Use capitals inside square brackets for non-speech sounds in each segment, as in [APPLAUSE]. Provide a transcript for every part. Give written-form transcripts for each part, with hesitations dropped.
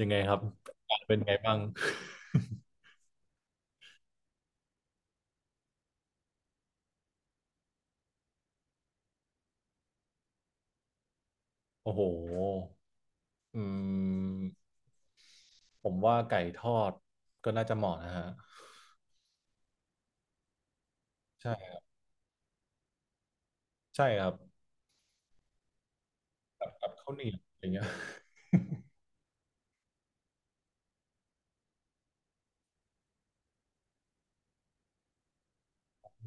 ยังไงครับอากาศเป็นไงบ้างโอ้โหอืมผมว่าไก่ทอดก็น่าจะเหมาะนะฮะใช่ใช่ครับกับข้าวเหนียวอย่างเงี้ย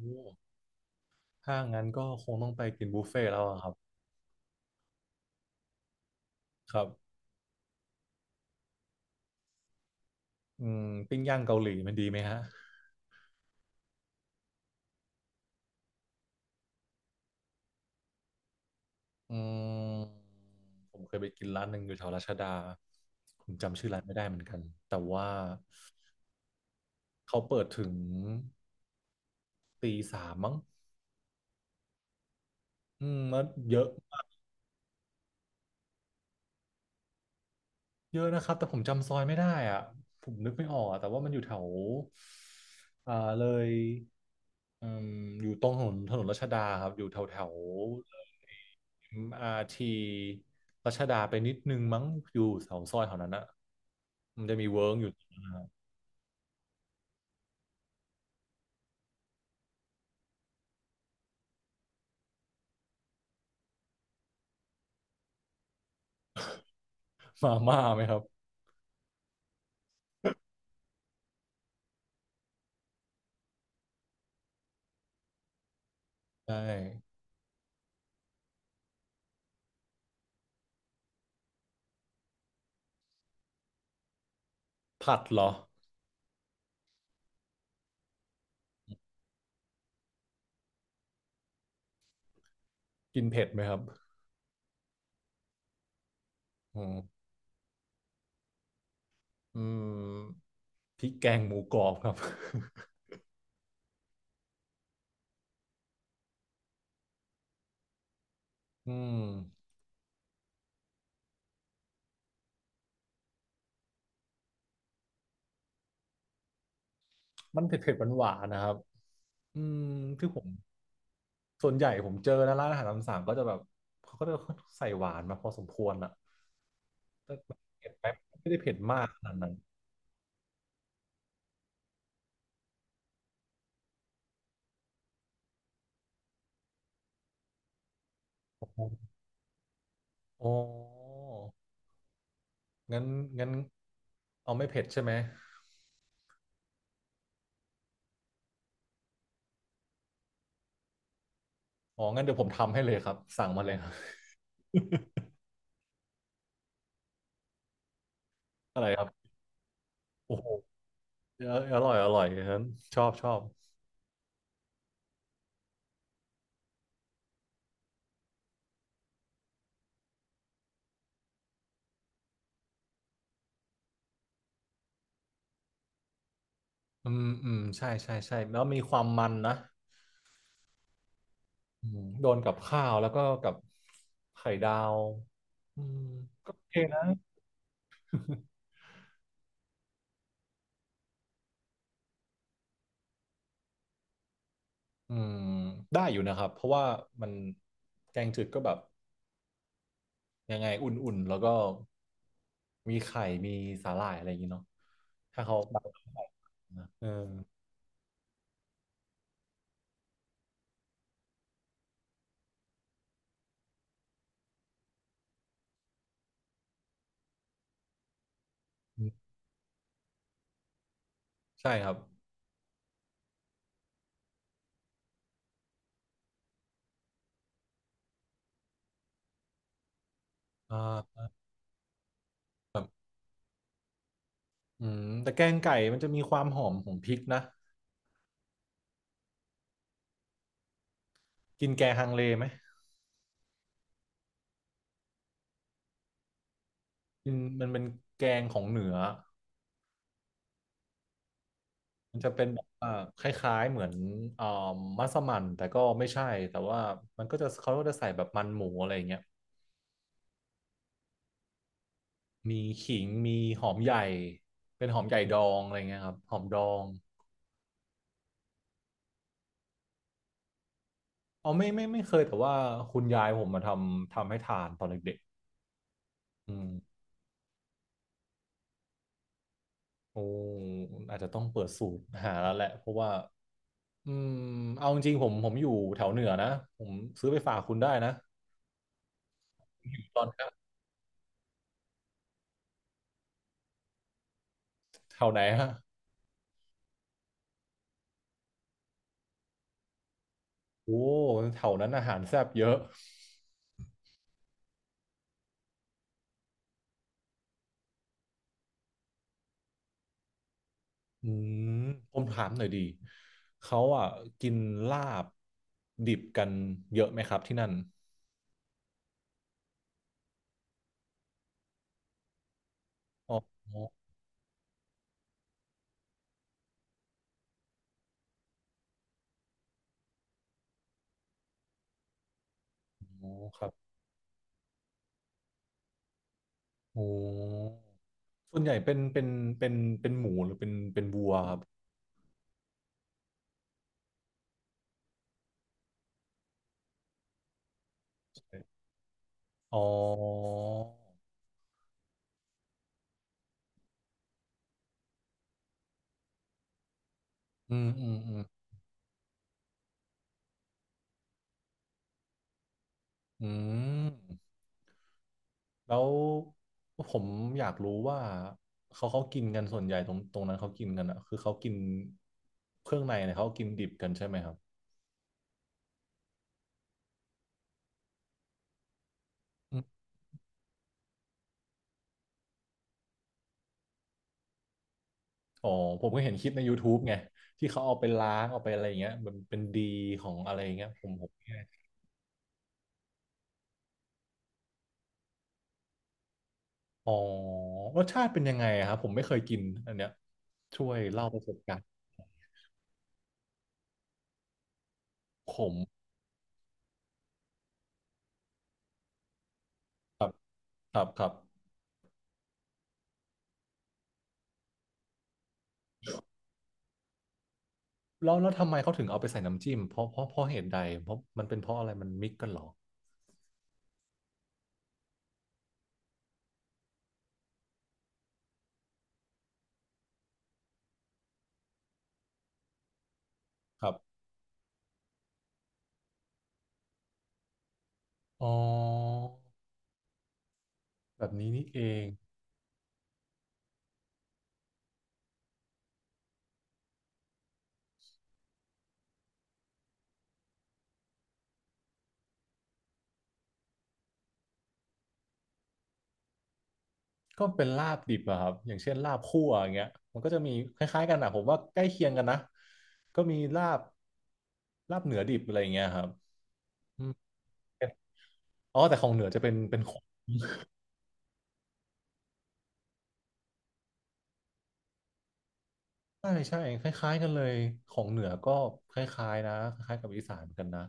โอ้ถ้างั้นก็คงต้องไปกินบุฟเฟ่ต์แล้วอะครับครับอืมปิ้งย่างเกาหลีมันดีไหมฮะอืมผมเคยไปกินร้านหนึ่งอยู่แถวรัชดาผมจำชื่อร้านไม่ได้เหมือนกันแต่ว่าเขาเปิดถึงตีสามมั้งแล้วเยอะ เยอะนะครับแต่ผมจำซอยไม่ได้อ่ะผมนึกไม่ออกอะแต่ว่ามันอยู่แถวเลยอืมอยู่ตรงถนนถนนรัชดาครับอยู่แถวแถว m r ารทีรัชดาไปนิดนึงมั้งอยู่แถวซอยแถวนั้นอ่ะมันจะมีเวิร์กอยู่ [LAUGHS] มาม่าไหมครับใช่ผัดเหรอกินเผ็ดไหมครับอืมอืมพริกแกงหมูกรอบครับ [LAUGHS] อืมมันเผ็ดเผ็ดหวานหวานๆนะครับอืมที่ผม ส่วนใหญ่ผมเจอนะร้านอาหารตามสั่งก็จะแบบเขาก็จะใส่หวานมาพอสมควรอ่ะแต่เผ็ดไหมไม่ได้เผ็ดมากขนาดนั้นอ๋องั้นงั้นเอาไม่เผ็ดใช่ไหมอ๋องั้นเดี๋ยวผมทำให้เลยครับสั่งมาเลย [LAUGHS] ครับ [LAUGHS] อะไรครับโอ้โหเอออร่อยอร่อยฉันชอบชอบอืมอืมใช่ใช่ใช่แล้วมีความมันนะโดนกับข้าวแล้วก็กับไข่ดาวอืมก็โอเคนะ อืมได้อยู่นะครับเพราะว่ามันแกงจืดก็แบบยังไงอุ่นๆแล้วก็มีไข่มีสาหร่ายอะไรอย่างงี้เนาะถ้าเขาแบบนะเออใช่ครับอ่าแบบแต่แกงไก่มันจะมีความหอมของพริกนะกินแกงฮังเลไหมกินมันเป็นแกงของเหนือมันจะเป็นแบบว่าคล้ายๆเหมือนอ่ามัสมั่นแต่ก็ไม่ใช่แต่ว่ามันก็จะเขาก็จะใส่แบบมันหมูอะไรอย่างเงี้ย มีขิงมีหอมใหญ่ เป็นหอมใหญ่ดองอะไรเงี้ยครับ หอมดองอ๋อไม่ไม่ไม่เคยแต่ว่าคุณยายผมมาทำทำให้ทานตอนเด็กๆอืมโอ้อาจจะต้องเปิดสูตรหาแล้วแหละ เพราะว่าอืมเอาจริงๆผมผมอยู่แถวเหนือนะ ผมซื้อไปฝากคุณได้นะตอนนี้แถวไหนฮะโอ้แถวนั้นอาหารแซ่บเยอะอืมผมถามหน่อยดี เขาอ่ะกินลาบดิบกันเยอะไหมครับที่นั่นอ๋ออ๋อครับ โอ้ส่วนใหญ่เป็นเป็นเป็นเป็นหมูหรือเป็นเป็นวัวครับอ๋ออืมอืมอืมอืมแล้วผมอยากรู้ว่าเขาเขากินกันส่วนใหญ่ตรงตรงนั้นเขากินกันอ่ะคือเขากินเครื่องในเนี่ยเขากินดิบกันใช่ไหมครับอืมอ๋อผมก็เห็นคลิปใน YouTube ไงที่เขาเอาไปล้างเอาไปอะไรอย่างเงี้ยมันเป็นดีของอะไรอย่างเงี้ยผมผมอ๋อรสชาติเป็นยังไงอะครับผมไม่เคยกินอันเนี้ยช่วยเล่าประสบการณ์ ครับครับครับ แล้วแล้วทำไมเขาถึงเอาไปใส่น้ำจิ้มเพราะเพราะ เพราะเหตุใดเพราะมันเป็นเพราะอะไรมันมิกกันเหรอครับอ๋อแบบนี้นี่เองก็เป็นลาบดิบอะครับอย่างเช่นลาบคั่วอย่างเงี้ยมันก็จะมีคล้ายๆกันอะผมว่าใกล้เคียงกันนะก็มีลาบลาบเหนือดิบอะไรอย่างเงี้ยครับอืมอ๋อแต่ของเหนือจะเป็นเป็นของใช่ใช่คล้ายๆกันเลยของเหนือก็คล้ายๆนะคล้ายๆกับอีสานเหมือนกันนะ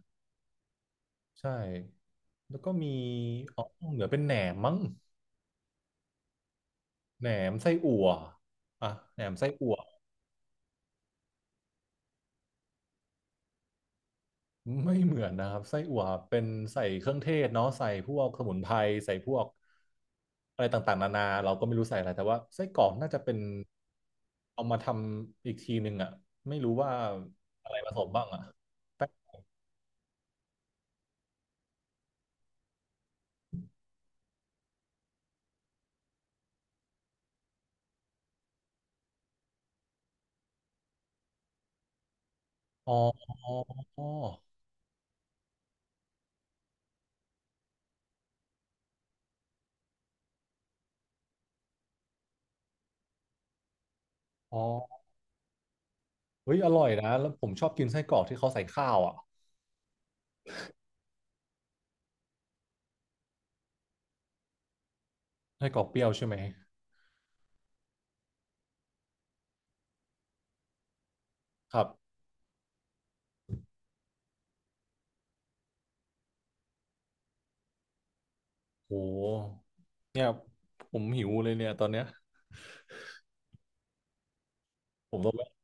ใช่แล้วก็มีอ๋อเหนือเป็นแหนมมั้ง แหนมไส้อั่วอ่ะแหนมไส้อั่วไม่เหมือนนะครับไส้อั่วเป็นใส่เครื่องเทศเนาะใส่พวกสมุนไพรใส่พวกอะไรต่างๆนานาเราก็ไม่รู้ใส่อะไรแต่ว่าไส้กรอกน่าจะเป็นเอามาทำอีกทีหนึ่งอ่ะไม่รู้ว่าอะไรผสมบ้างอ่ะแป๊บอ๋ออ๋ออ๋อเฮ้ยอร่อยนะแล้วผมชอบกินไส้กรอกที่เขาใส่ข้าวอ่ะไส้กรอกเปรี้ยวใช่ไหมครับโหเนี่ยผมหิวเลยเนี่ยตอนเนี้ยผมต้อง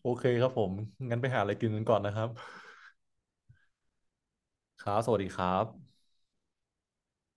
โอเคครับผม งั้นไปหาอะไรกินกันก่อนนะครับ ครับ สวัสดีครับ